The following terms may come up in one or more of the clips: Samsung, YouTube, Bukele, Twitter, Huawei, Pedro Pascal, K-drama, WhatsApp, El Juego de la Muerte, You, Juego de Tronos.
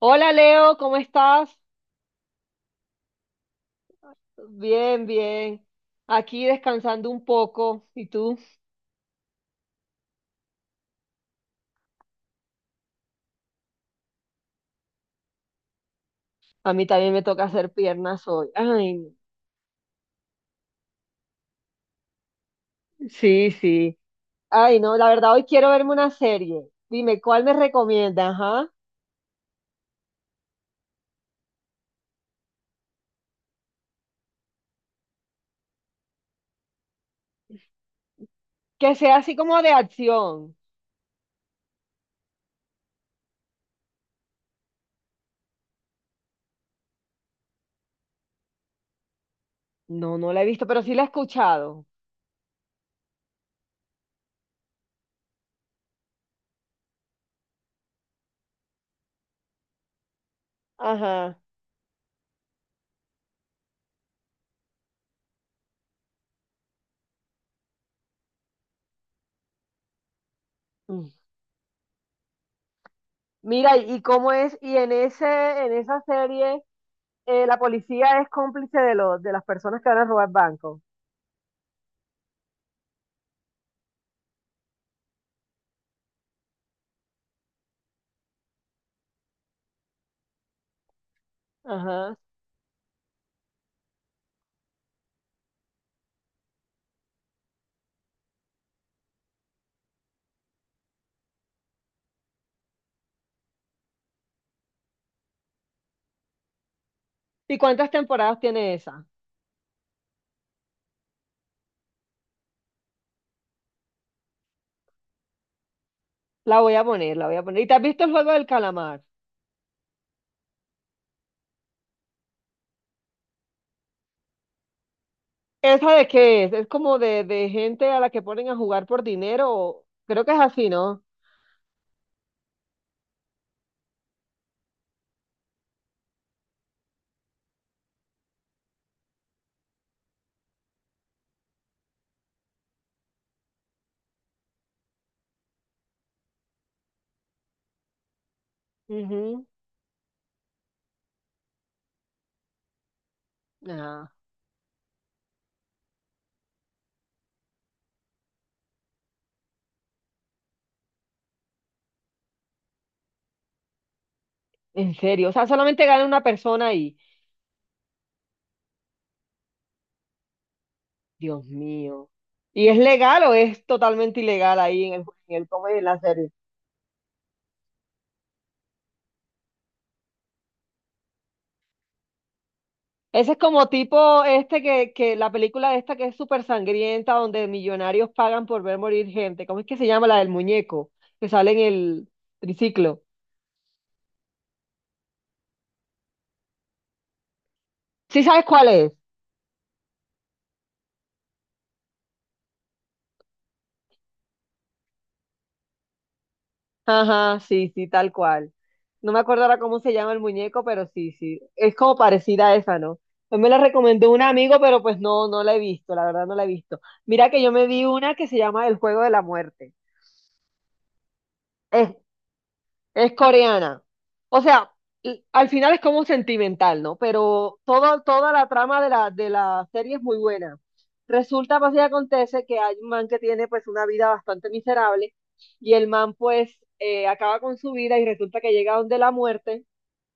Hola Leo, ¿cómo estás? Bien, bien. Aquí descansando un poco. ¿Y tú? A mí también me toca hacer piernas hoy. Ay, no. Sí, sí. Ay, no, la verdad hoy quiero verme una serie. Dime, ¿cuál me recomiendas? Ajá. Que sea así como de acción. No, no la he visto, pero sí la he escuchado. Ajá. Mm. Mira, ¿y cómo es? Y en en esa serie, la policía es cómplice de de las personas que van a robar bancos. Ajá. ¿Y cuántas temporadas tiene esa? La voy a poner. ¿Y te has visto el juego del calamar? ¿Esa de qué es? Es como de gente a la que ponen a jugar por dinero. Creo que es así, ¿no? Ujú. Ah, en serio. O sea, solamente gana una persona ahí. Dios mío. ¿Y es legal o es totalmente ilegal ahí en en el cómo es en la serie? Ese es como tipo este que la película esta que es súper sangrienta, donde millonarios pagan por ver morir gente. ¿Cómo es que se llama la del muñeco? Que sale en el triciclo. ¿Sí sabes cuál es? Ajá, sí, sí, tal cual. No me acuerdo ahora cómo se llama el muñeco, pero sí, sí. Es como parecida a esa, ¿no? Pues me la recomendó un amigo, pero pues no, no la he visto, la verdad no la he visto. Mira que yo me vi una que se llama El Juego de la Muerte. Es coreana. O sea, al final es como sentimental, ¿no? Pero toda, toda la trama de de la serie es muy buena. Resulta, pues, y acontece que hay un man que tiene, pues, una vida bastante miserable y el man, pues, acaba con su vida y resulta que llega donde la muerte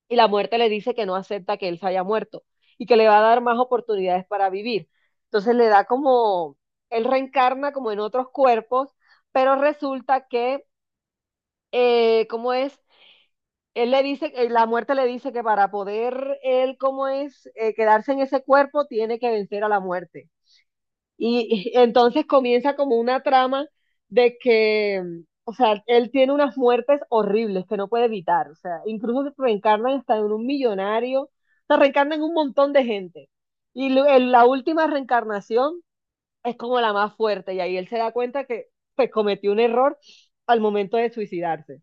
y la muerte le dice que no acepta que él se haya muerto y que le va a dar más oportunidades para vivir. Entonces le da como, él reencarna como en otros cuerpos, pero resulta que, ¿cómo es? Él le dice, la muerte le dice que para poder él, como es, quedarse en ese cuerpo, tiene que vencer a la muerte. Y entonces comienza como una trama de que, o sea, él tiene unas muertes horribles que no puede evitar. O sea, incluso se reencarnan hasta en un millonario, se reencarnan en un montón de gente. Y en la última reencarnación es como la más fuerte. Y ahí él se da cuenta que pues cometió un error al momento de suicidarse.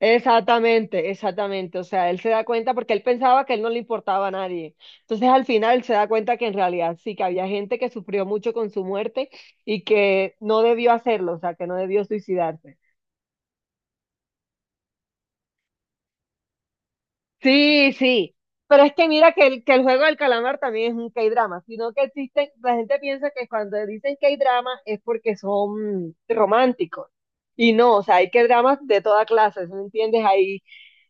Exactamente, exactamente. O sea, él se da cuenta porque él pensaba que él no le importaba a nadie. Entonces, al final, se da cuenta que en realidad sí, que había gente que sufrió mucho con su muerte y que no debió hacerlo, o sea, que no debió suicidarse. Sí, sí. Pero es que mira que que el juego del calamar también es un K-drama, sino que existen, la gente piensa que cuando dicen K-drama es porque son románticos. Y no, o sea, hay K-dramas de toda clase, ¿sí ¿me entiendes? Hay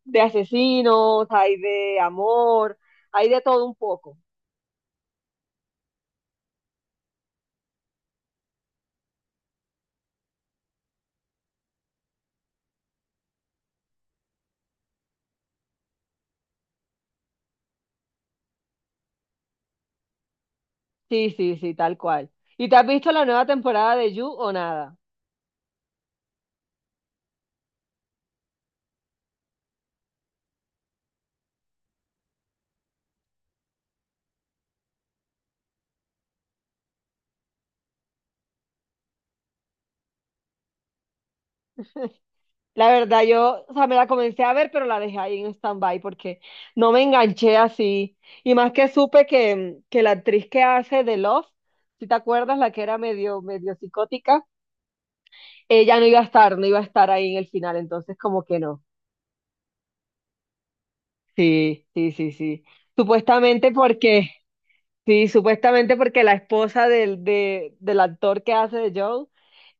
de asesinos, hay de amor, hay de todo un poco. Sí, sí, sí, tal cual. ¿Y te has visto la nueva temporada de You o nada? La verdad, yo, o sea, me la comencé a ver, pero la dejé ahí en stand-by porque no me enganché así. Y más que supe que la actriz que hace de Love, si te acuerdas, la que era medio, medio psicótica, ella no iba a estar, no iba a estar ahí en el final, entonces como que no. Sí, sí, sí, sí. Supuestamente porque sí, supuestamente porque la esposa del, del actor que hace de Joe,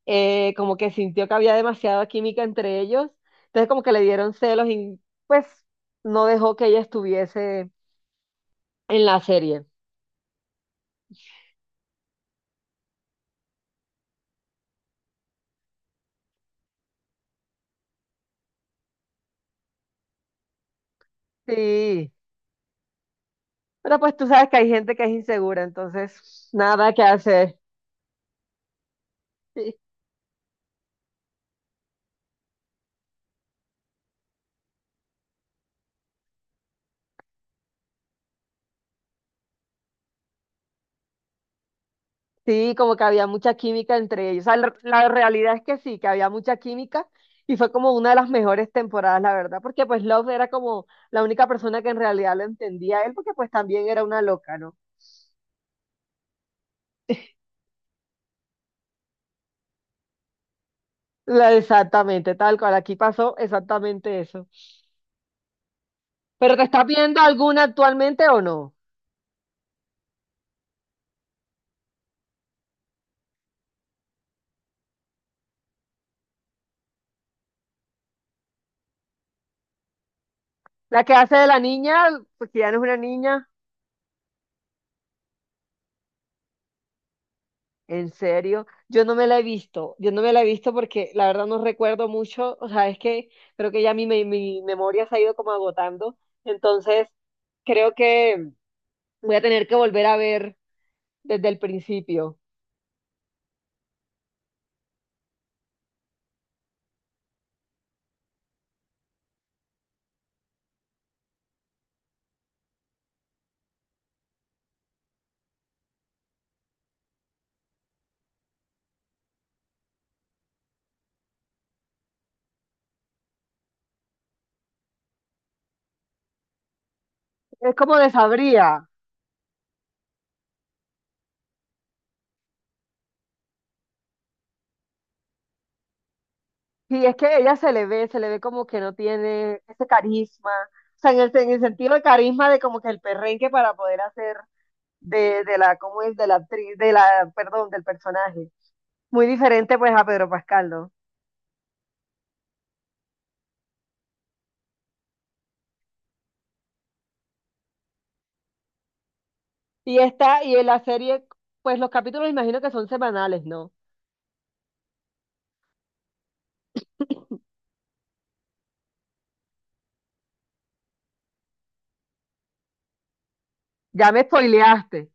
como que sintió que había demasiada química entre ellos, entonces como que le dieron celos y pues no dejó que ella estuviese en la serie. Sí, pero pues tú sabes que hay gente que es insegura, entonces nada que hacer. Sí, como que había mucha química entre ellos. O sea, la realidad es que sí, que había mucha química y fue como una de las mejores temporadas, la verdad, porque pues Love era como la única persona que en realidad lo entendía a él, porque pues también era una loca, ¿no? Exactamente, tal cual, aquí pasó exactamente eso. ¿Pero te estás viendo alguna actualmente o no? La que hace de la niña, porque ya no es una niña. En serio, yo no me la he visto, yo no me la he visto porque la verdad no recuerdo mucho, o sea, es que creo que ya mi memoria se ha ido como agotando, entonces creo que voy a tener que volver a ver desde el principio. Es como de Sabría, y es que ella se le ve como que no tiene ese carisma, o sea, en en el sentido de carisma de como que el perrenque para poder hacer de la, ¿cómo es? De la actriz, de la, perdón, del personaje. Muy diferente pues a Pedro Pascal, ¿no? Y esta, y en la serie, pues los capítulos imagino que son semanales, ¿no? Ya me spoileaste.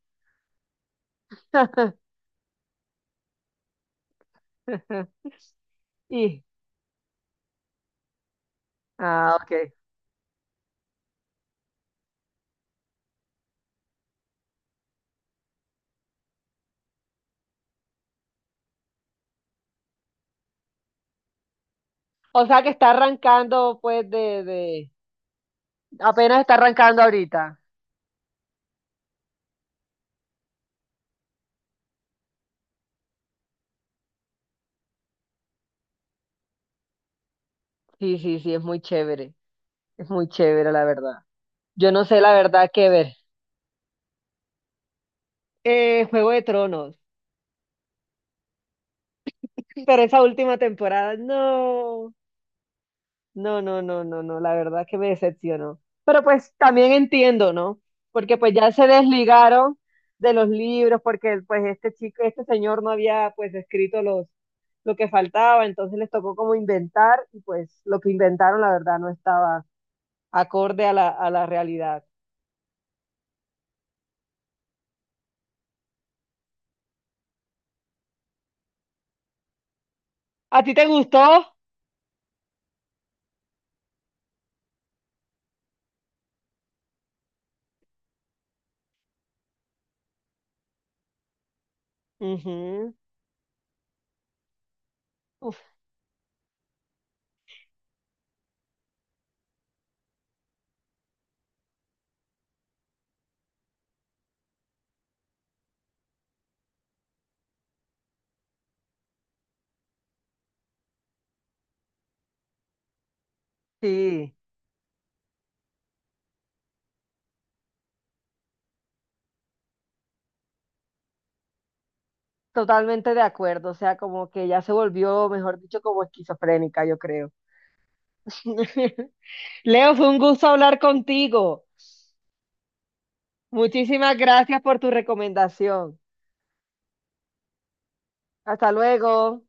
Y, ah, ok. O sea que está arrancando, pues, apenas está arrancando ahorita. Sí, sí, sí, es muy chévere. Es muy chévere, la verdad. Yo no sé la verdad qué ver. Juego de Tronos. Pero esa última temporada, no. No, no, no, no, no, la verdad que me decepcionó. Pero pues también entiendo, ¿no? Porque pues ya se desligaron de los libros, porque pues este chico, este señor no había pues escrito los, lo que faltaba, entonces les tocó como inventar y pues lo que inventaron la verdad no estaba acorde a a la realidad. ¿A ti te gustó? Ujú. Uf, sí, totalmente de acuerdo, o sea, como que ya se volvió, mejor dicho, como esquizofrénica, yo creo. Leo, fue un gusto hablar contigo. Muchísimas gracias por tu recomendación. Hasta luego.